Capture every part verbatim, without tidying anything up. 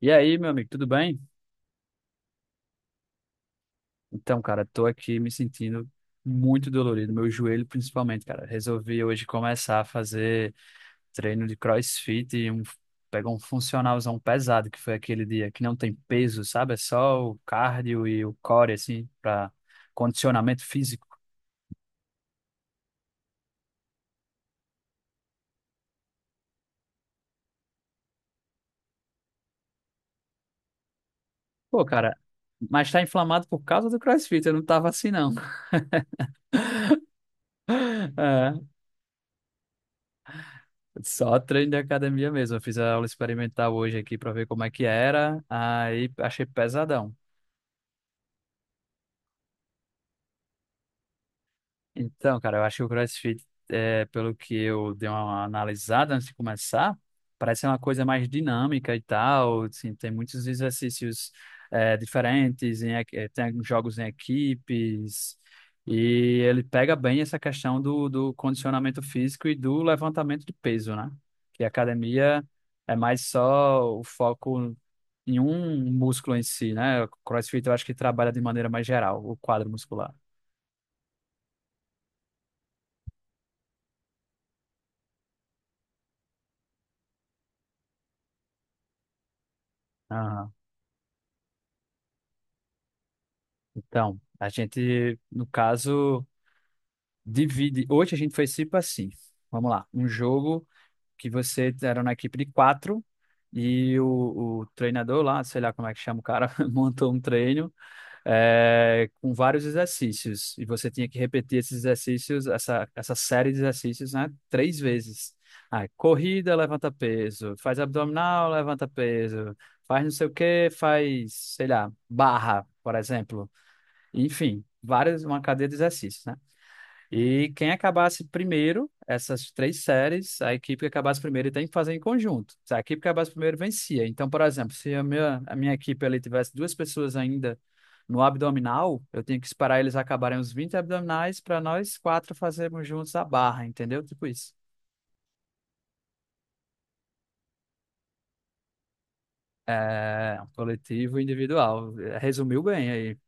E aí, meu amigo, tudo bem? Então, cara, tô aqui me sentindo muito dolorido, meu joelho principalmente, cara. Resolvi hoje começar a fazer treino de CrossFit e um, pegar um funcionalzão pesado, que foi aquele dia que não tem peso, sabe? É só o cardio e o core, assim, pra condicionamento físico. Pô, cara, mas tá inflamado por causa do CrossFit, eu não tava assim, não. É, só treino de academia mesmo. Eu fiz a aula experimental hoje aqui pra ver como é que era, aí achei pesadão. Então, cara, eu acho que o CrossFit, é, pelo que eu dei uma analisada antes de começar, parece ser uma coisa mais dinâmica e tal. Assim, tem muitos exercícios, é, diferentes, em, equi- eh, tem jogos em equipes, e ele pega bem essa questão do, do condicionamento físico e do levantamento de peso, né? Que a academia é mais só o foco em um músculo em si, né? O CrossFit eu acho que trabalha de maneira mais geral, o quadro muscular. Então, a gente, no caso, divide. Hoje a gente foi tipo assim. Vamos lá. Um jogo que você era na equipe de quatro e o, o treinador lá, sei lá como é que chama o cara, montou um treino eh, com vários exercícios. E você tinha que repetir esses exercícios, essa, essa série de exercícios, né? Três vezes. Ah, corrida, levanta peso. Faz abdominal, levanta peso. Faz não sei o que, faz, sei lá, barra, por exemplo. Enfim, várias, uma cadeia de exercícios, né? E quem acabasse primeiro, essas três séries, a equipe que acabasse primeiro tem que fazer em conjunto. Se a equipe que acabasse primeiro vencia. Então, por exemplo, se a minha, a minha equipe ali tivesse duas pessoas ainda no abdominal, eu tinha que esperar eles acabarem os vinte abdominais para nós quatro fazermos juntos a barra, entendeu? Tipo isso. É, coletivo e individual. Resumiu bem aí.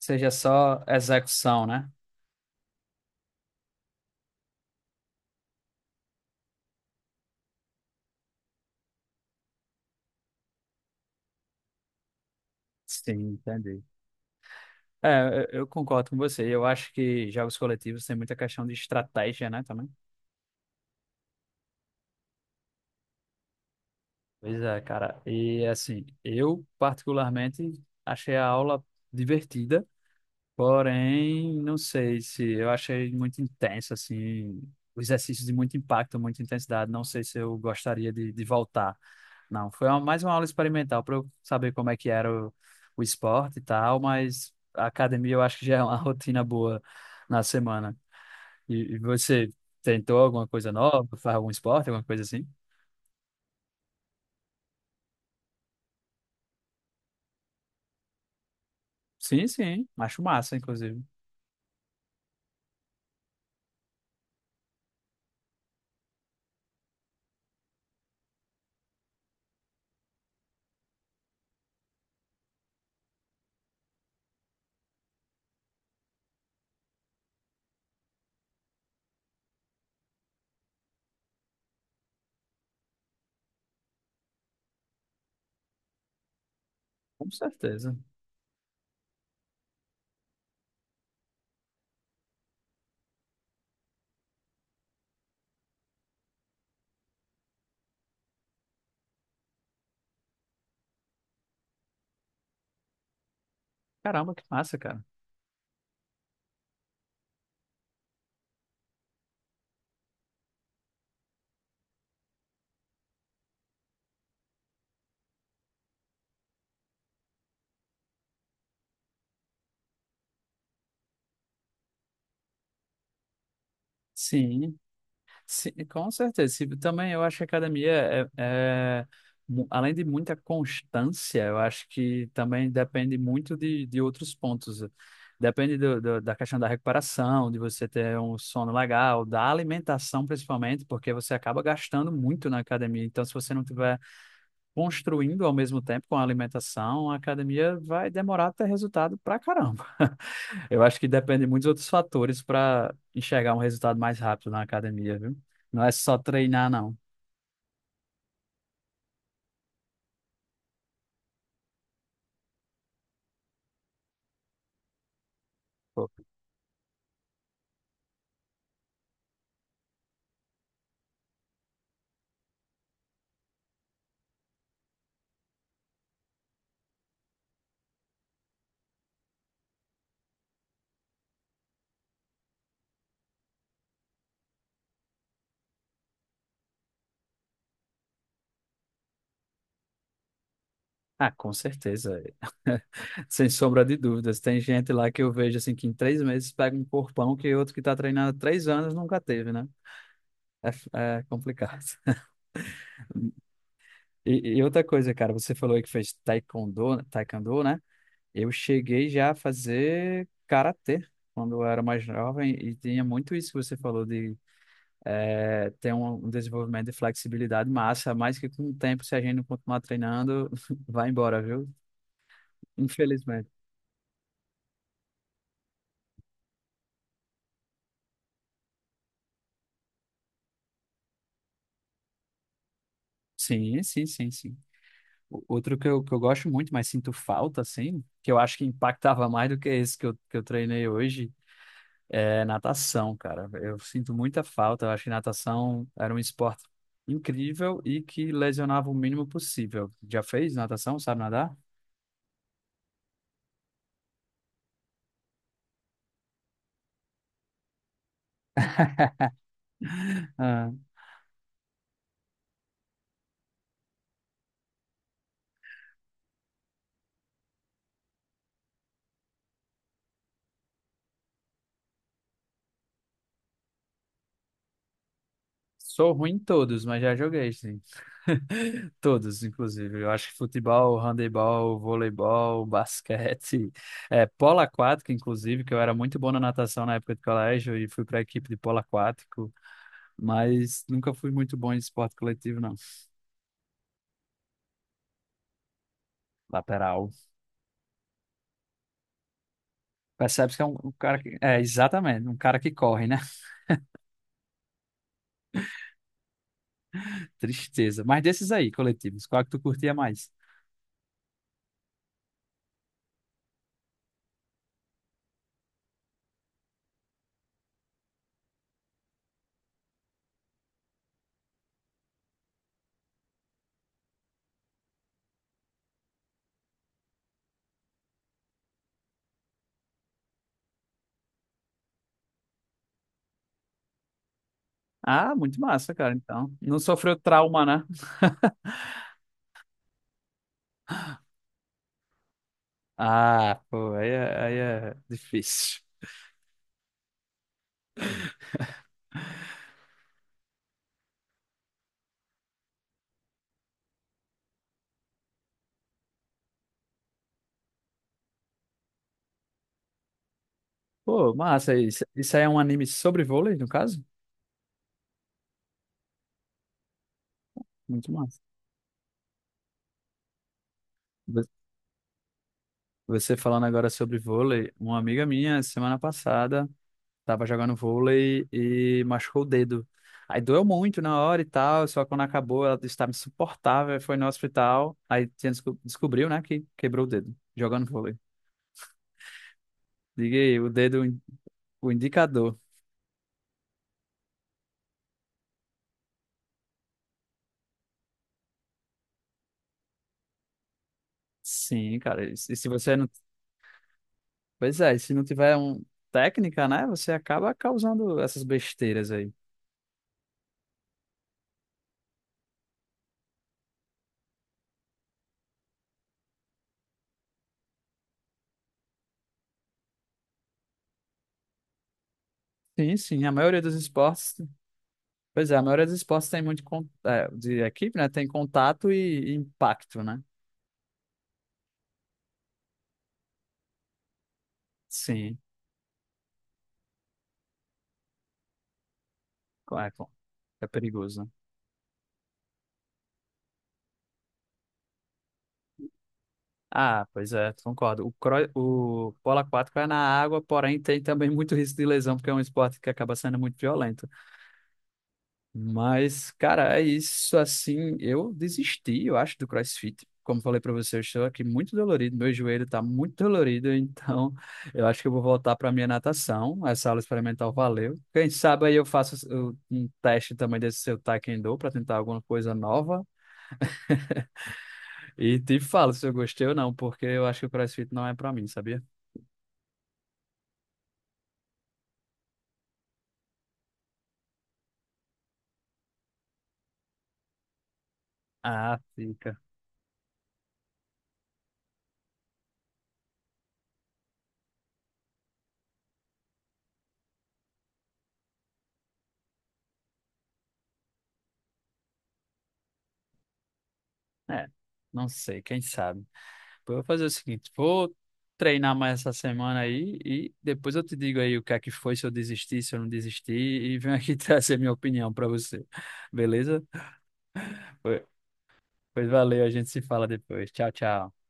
Seja só execução, né? Sim, entendi. É, eu eu concordo com você. Eu acho que jogos coletivos tem muita questão de estratégia, né, também. Pois é, cara. E assim, eu particularmente achei a aula divertida, porém, não sei se eu achei muito intenso, assim, o exercício de muito impacto, muita intensidade. Não sei se eu gostaria de, de voltar. Não, foi uma- mais uma aula experimental para eu saber como é que era o, o esporte e tal, mas a academia eu acho que já é uma rotina boa na semana. E, e você tentou alguma coisa nova? Faz algum esporte, alguma coisa assim? Sim, sim. Acho massa, inclusive. Com certeza. Caramba, que massa, cara. Sim, sim, com certeza. Se- Também eu acho que a academia é, é, mu- além de muita constância, eu acho que também depende muito de, de outros pontos. Depende do, do- da questão da recuperação, de você ter um sono legal, da alimentação principalmente, porque você acaba gastando muito na academia. Então, se você não tiver construindo ao mesmo tempo com a alimentação, a academia vai demorar a ter resultado pra caramba. Eu acho que depende de muitos outros fatores para enxergar um resultado mais rápido na academia, viu? Não é só treinar, não. Pô. Ah, com certeza. Sem sombra de dúvidas. Tem gente lá que eu vejo assim que em três meses pega um corpão que outro que tá treinando há três anos nunca teve, né? É, é complicado. E, e outra coisa, cara, você falou aí que fez taekwondo, taekwondo, né? Eu cheguei já a fazer karatê quando eu era mais jovem e tinha muito isso que você falou de eh, ter um um desenvolvimento de flexibilidade massa, mas que com o tempo, se a gente não continuar treinando, vai embora, viu? Infelizmente. Sim, sim, sim, sim. O- Outro que eu, que eu gosto muito, mas sinto falta, assim, que eu acho que impactava mais do que esse que eu, que eu treinei hoje é natação, cara. Eu sinto muita falta. Eu acho que natação era um esporte incrível e que lesionava o mínimo possível. Já fez natação? Sabe nadar? Ah, sou ruim em todos, mas já joguei, sim. Todos, inclusive. Eu acho que futebol, handebol, voleibol, basquete, é, polo aquático, inclusive, que eu era muito bom na natação na época de colégio e fui para a equipe de polo aquático, mas nunca fui muito bom em esporte coletivo, não. Lateral. Percebe-se que é um, um cara que. É, exatamente, um cara que corre, né? Tristeza. Mas desses aí, coletivos, qual é que tu curtia mais? Ah, muito massa, cara, então. Não sofreu trauma, né? Ah, pô, aí é, aí é difícil. Pô, massa, isso, isso aí é um anime sobre vôlei, no caso? Muito massa. Vo- Você falando agora sobre vôlei, uma amiga minha, semana passada. Tava jogando vôlei e machucou o dedo. Aí doeu muito na hora e tal, só que quando acabou ela estava insuportável, foi no hospital, aí tinha desco- descobriu, né, que quebrou o dedo jogando vôlei. Diga aí, o dedo, in- o indicador. Sim, cara, e se e se você não... Pois é, e se não tiver um técnica, né, você acaba causando essas besteiras aí. Sim, sim, a maioria dos esportes... Pois é, a maioria dos esportes tem muito... con- é, de equipe, né, tem contato e, e impacto, né? Sim, é, é perigoso, né? Ah, pois é, concordo. O, cro- o polo aquático é na água, porém tem também muito risco de lesão, porque é um esporte que acaba sendo muito violento. Mas, cara, é isso assim. Eu desisti, eu acho, do CrossFit. Como falei pra você, eu estou aqui muito dolorido, meu joelho tá muito dolorido, então eu acho que eu vou voltar pra minha natação. Essa aula experimental valeu. Quem sabe aí eu faço o- um teste também desse seu taekwondo pra tentar alguma coisa nova e te falo se eu gostei ou não, porque eu acho que o CrossFit não é pra mim, sabia? Ah, fica. É, não sei, quem sabe. Eu vou fazer o seguinte, vou treinar mais essa semana aí e depois eu te digo aí o que é que foi, se eu desisti, se eu não desisti e venho aqui trazer minha opinião para você. Beleza? Pois Pois valeu, a gente se fala depois. Tchau, tchau.